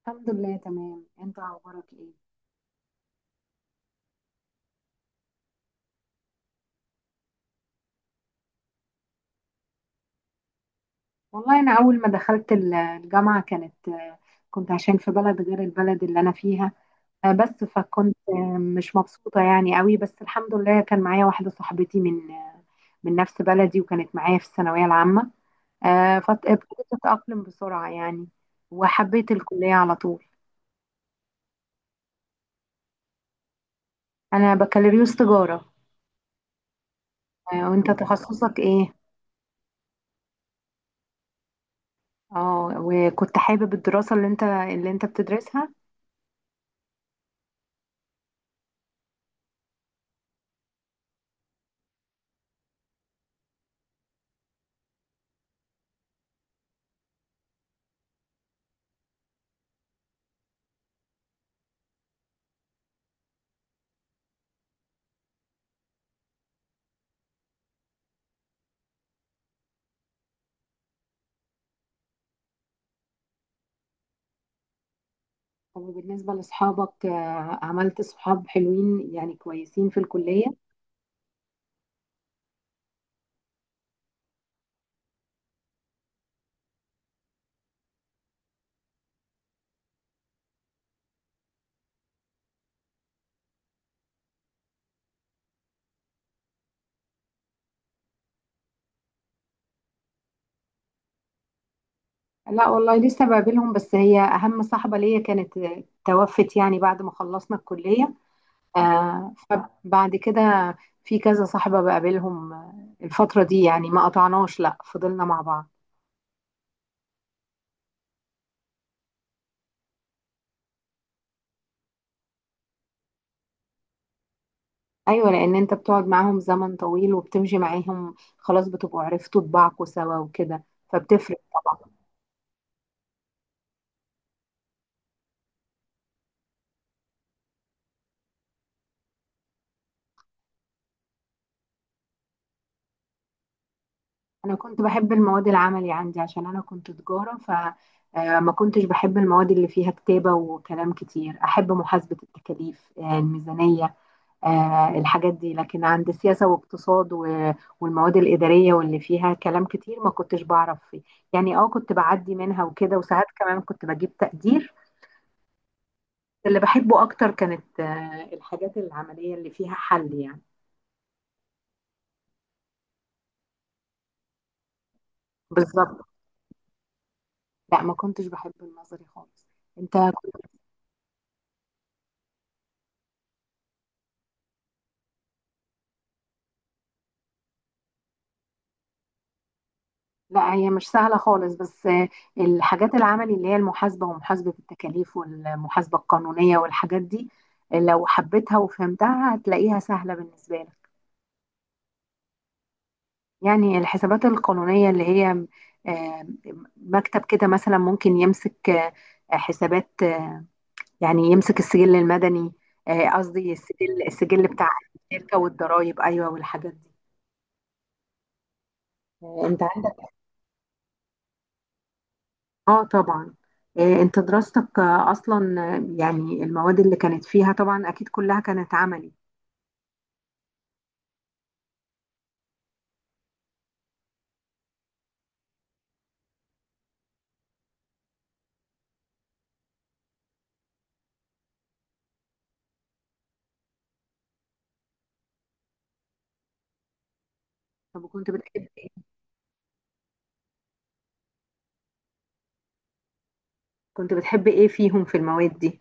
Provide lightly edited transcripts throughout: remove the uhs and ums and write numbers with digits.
الحمد لله، تمام. انت اخبارك ايه؟ والله انا اول ما دخلت الجامعه كانت كنت عشان في بلد غير البلد اللي انا فيها. بس فكنت مش مبسوطه يعني قوي، بس الحمد لله كان معايا واحده صاحبتي من نفس بلدي وكانت معايا في الثانويه العامه. فابتديت اتاقلم بسرعه يعني، وحبيت الكليه على طول. انا بكالوريوس تجاره. وانت تخصصك ايه؟ اه، وكنت حابب الدراسه اللي انت بتدرسها؟ طب، وبالنسبة لأصحابك، عملت صحاب حلوين يعني كويسين في الكلية؟ لا والله لسه بقابلهم، بس هي أهم صاحبة ليا كانت توفت يعني بعد ما خلصنا الكلية. فبعد كده في كذا صاحبة بقابلهم الفترة دي، يعني ما قطعناش، لا فضلنا مع بعض. أيوة، لأن أنت بتقعد معاهم زمن طويل وبتمشي معاهم، خلاص بتبقوا عرفتوا طباعكوا سوا وكده، فبتفرق. انا كنت بحب المواد العملي عندي عشان انا كنت تجارة، فما كنتش بحب المواد اللي فيها كتابة وكلام كتير. احب محاسبة التكاليف، الميزانية، الحاجات دي. لكن عند سياسة واقتصاد والمواد الإدارية واللي فيها كلام كتير، ما كنتش بعرف فيه يعني. اه، كنت بعدي منها وكده، وساعات كمان كنت بجيب تقدير. اللي بحبه اكتر كانت الحاجات العملية اللي فيها حل يعني. بالظبط. لا، ما كنتش بحب النظري خالص. انت؟ لا، هي مش سهلة خالص، بس الحاجات العملي اللي هي المحاسبة ومحاسبة التكاليف والمحاسبة القانونية والحاجات دي، لو حبيتها وفهمتها هتلاقيها سهلة بالنسبة لك. يعني الحسابات القانونية اللي هي آه، مكتب كده مثلا ممكن يمسك حسابات، يعني يمسك السجل المدني، قصدي السجل بتاع الشركة والضرائب، أيوة والحاجات دي. انت؟ اه طبعا. انت دراستك اصلا، يعني المواد اللي كانت فيها طبعا اكيد كلها كانت عملي؟ طب كنت بتحب كنت بتحب ايه فيهم في المواد دي؟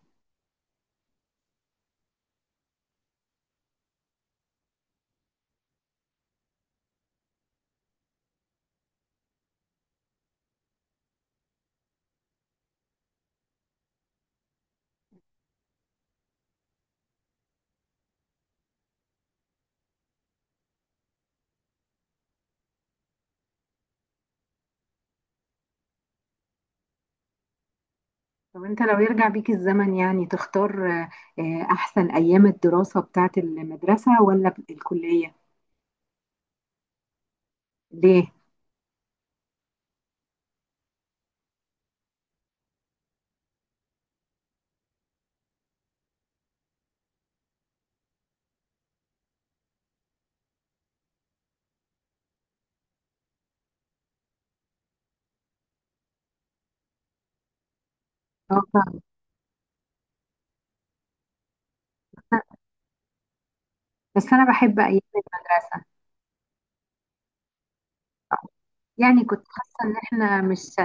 طب انت لو يرجع بيك الزمن يعني تختار، احسن ايام الدراسة بتاعت المدرسة ولا الكلية؟ ليه؟ اه طبعا. بس انا بحب ايام المدرسة. يعني كنت حاسة ان احنا مش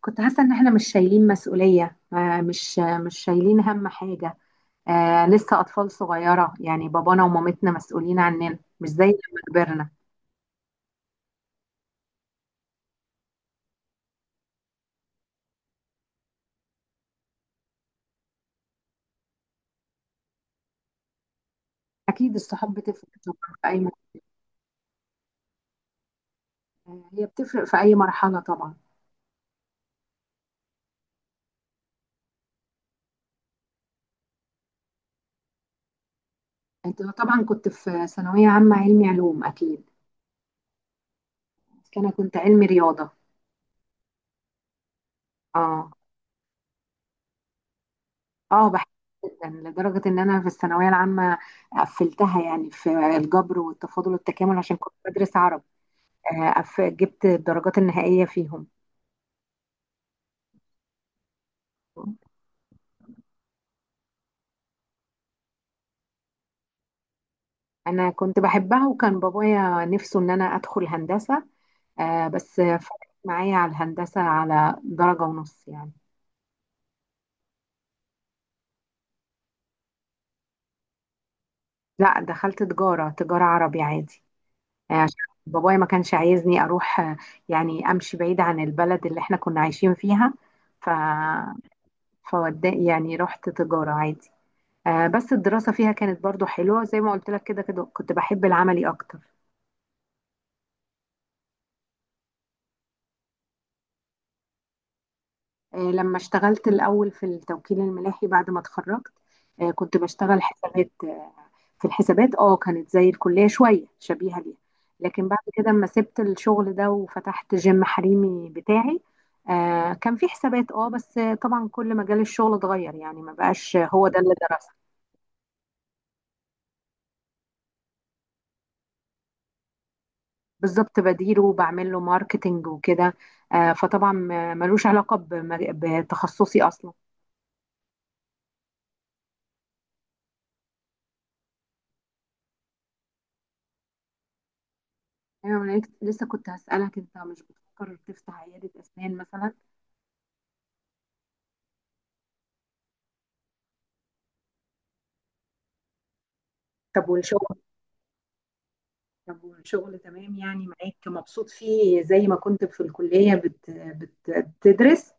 كنت حاسة ان احنا مش شايلين مسؤولية، مش شايلين هم حاجة. لسه أطفال صغيرة يعني، بابانا ومامتنا مسؤولين عننا، مش زي لما كبرنا. أكيد الصحاب بتفرق طبعا في أي مرحلة. هي بتفرق في أي مرحلة طبعا. أنت طبعا كنت في ثانوية عامة علمي علوم أكيد. بس أنا كنت علمي رياضة. أه. أه، بحب. جدا، لدرجة إن أنا في الثانوية العامة قفلتها يعني في الجبر والتفاضل والتكامل عشان كنت بدرس عربي. جبت الدرجات النهائية فيهم. أنا كنت بحبها، وكان بابايا نفسه إن أنا أدخل هندسة. بس فرقت معايا على الهندسة على درجة ونص يعني. لا، دخلت تجارة عربي عادي. عشان بابايا ما كانش عايزني أروح، يعني أمشي بعيد عن البلد اللي احنا كنا عايشين فيها. ف فود يعني، رحت تجارة عادي. بس الدراسة فيها كانت برضو حلوة، زي ما قلت لك كده كده كنت بحب العملي أكتر. لما اشتغلت الأول في التوكيل الملاحي بعد ما اتخرجت، كنت بشتغل حسابات. في الحسابات كانت زي الكلية شوية، شبيهة ليها. لكن بعد كده اما سبت الشغل ده وفتحت جيم حريمي بتاعي، كان في حسابات، بس طبعا كل مجال الشغل اتغير يعني، ما بقاش هو ده اللي درسه. بالظبط، بديره وبعمل له ماركتينج وكده. فطبعا ملوش علاقة بتخصصي اصلا. انا لسه كنت هسألك، انت مش بتفكر تفتح عيادة اسنان مثلا؟ طب والشغل طب والشغل تمام يعني، معاك مبسوط فيه زي ما كنت في الكلية بتدرس؟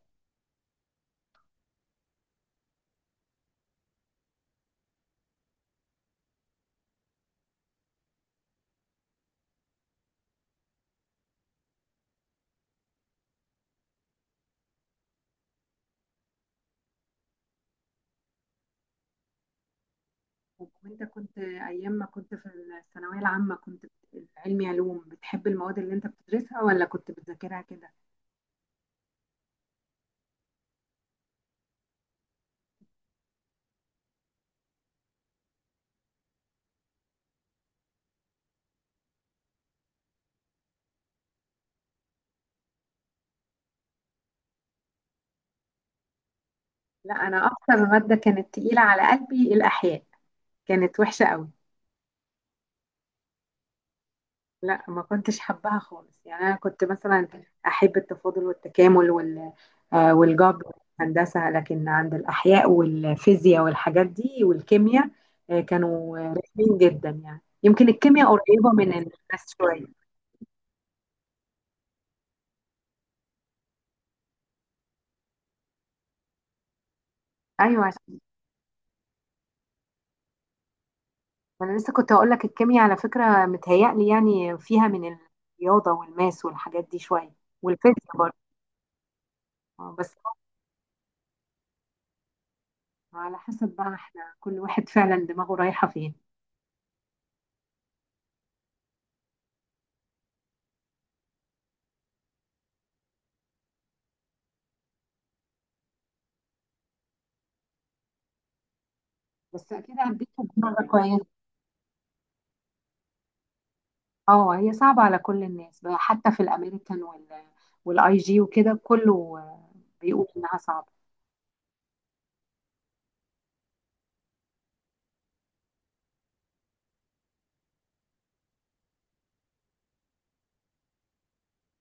طب وانت كنت ايام ما كنت في الثانوية العامة كنت في علمي علوم، بتحب المواد اللي انت بتدرسها ولا كنت بتذاكرها كده؟ لا، انا اكتر مادة كانت تقيلة على قلبي الاحياء. كانت وحشة قوي. لا، ما كنتش حباها خالص، يعني انا كنت مثلا احب التفاضل والتكامل والجبر والهندسه. لكن عند الاحياء والفيزياء والحاجات دي والكيمياء، كانوا رخمين جدا يعني. يمكن الكيمياء قريبه من الناس شويه. ايوه، عشان انا لسه كنت اقول لك الكيمياء على فكره متهيألي يعني فيها من الرياضه والماس والحاجات دي شويه، والفيزياء برضه. بس على حسب بقى، احنا كل واحد فعلا دماغه رايحه فين. بس اكيد عديتوا بمرة كويسه. اه، هي صعبة على كل الناس بقى، حتى في الامريكان والاي جي وكده كله، بيقول انها صعبة.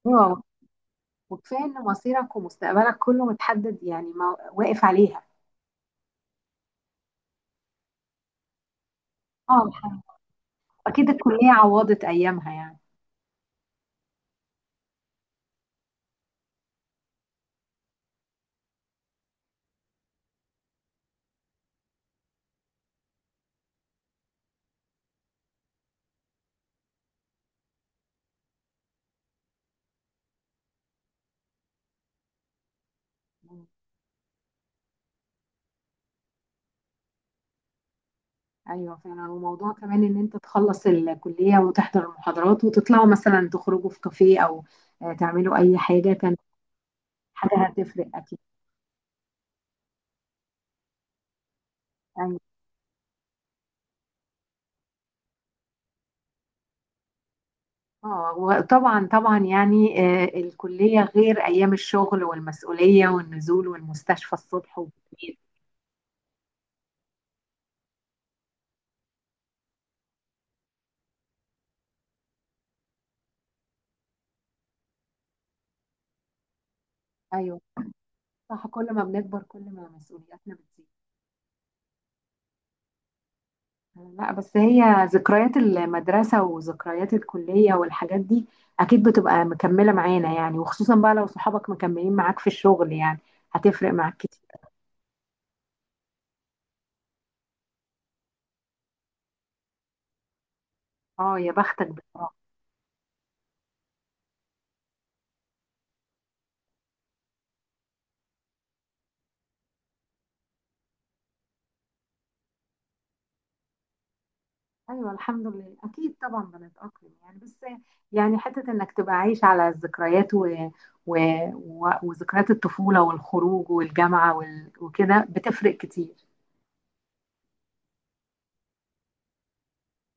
اه، وكفاية ان مصيرك ومستقبلك كله متحدد يعني، ما واقف عليها. اه، الحمد. اكيد الكلية عوضت ايامها يعني. مم. ايوه فعلا. وموضوع كمان ان انت تخلص الكلية وتحضر المحاضرات وتطلعوا مثلا تخرجوا في كافيه او تعملوا اي حاجة كان، حاجة هتفرق اكيد. أيوة. اه، وطبعا طبعا يعني الكلية غير أيام الشغل والمسؤولية والنزول والمستشفى الصبح وبالليل. أيوه، صح، كل ما بنكبر كل ما مسؤولياتنا بتزيد. لا، بس هي ذكريات المدرسة وذكريات الكلية والحاجات دي أكيد بتبقى مكملة معانا يعني، وخصوصا بقى لو صحابك مكملين معاك في الشغل يعني هتفرق معاك كتير. اه يا بختك بقى. ايوه الحمد لله اكيد طبعا بنتاقلم يعني، بس يعني حته انك تبقى عايش على الذكريات و... وذكريات الطفوله والخروج والجامعه وكده بتفرق كتير.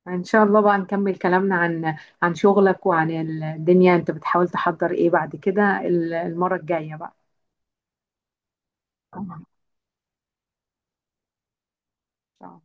ان شاء الله بقى نكمل كلامنا عن شغلك وعن الدنيا، انت بتحاول تحضر ايه بعد كده المره الجايه بقى؟ تمام. إن شاء الله.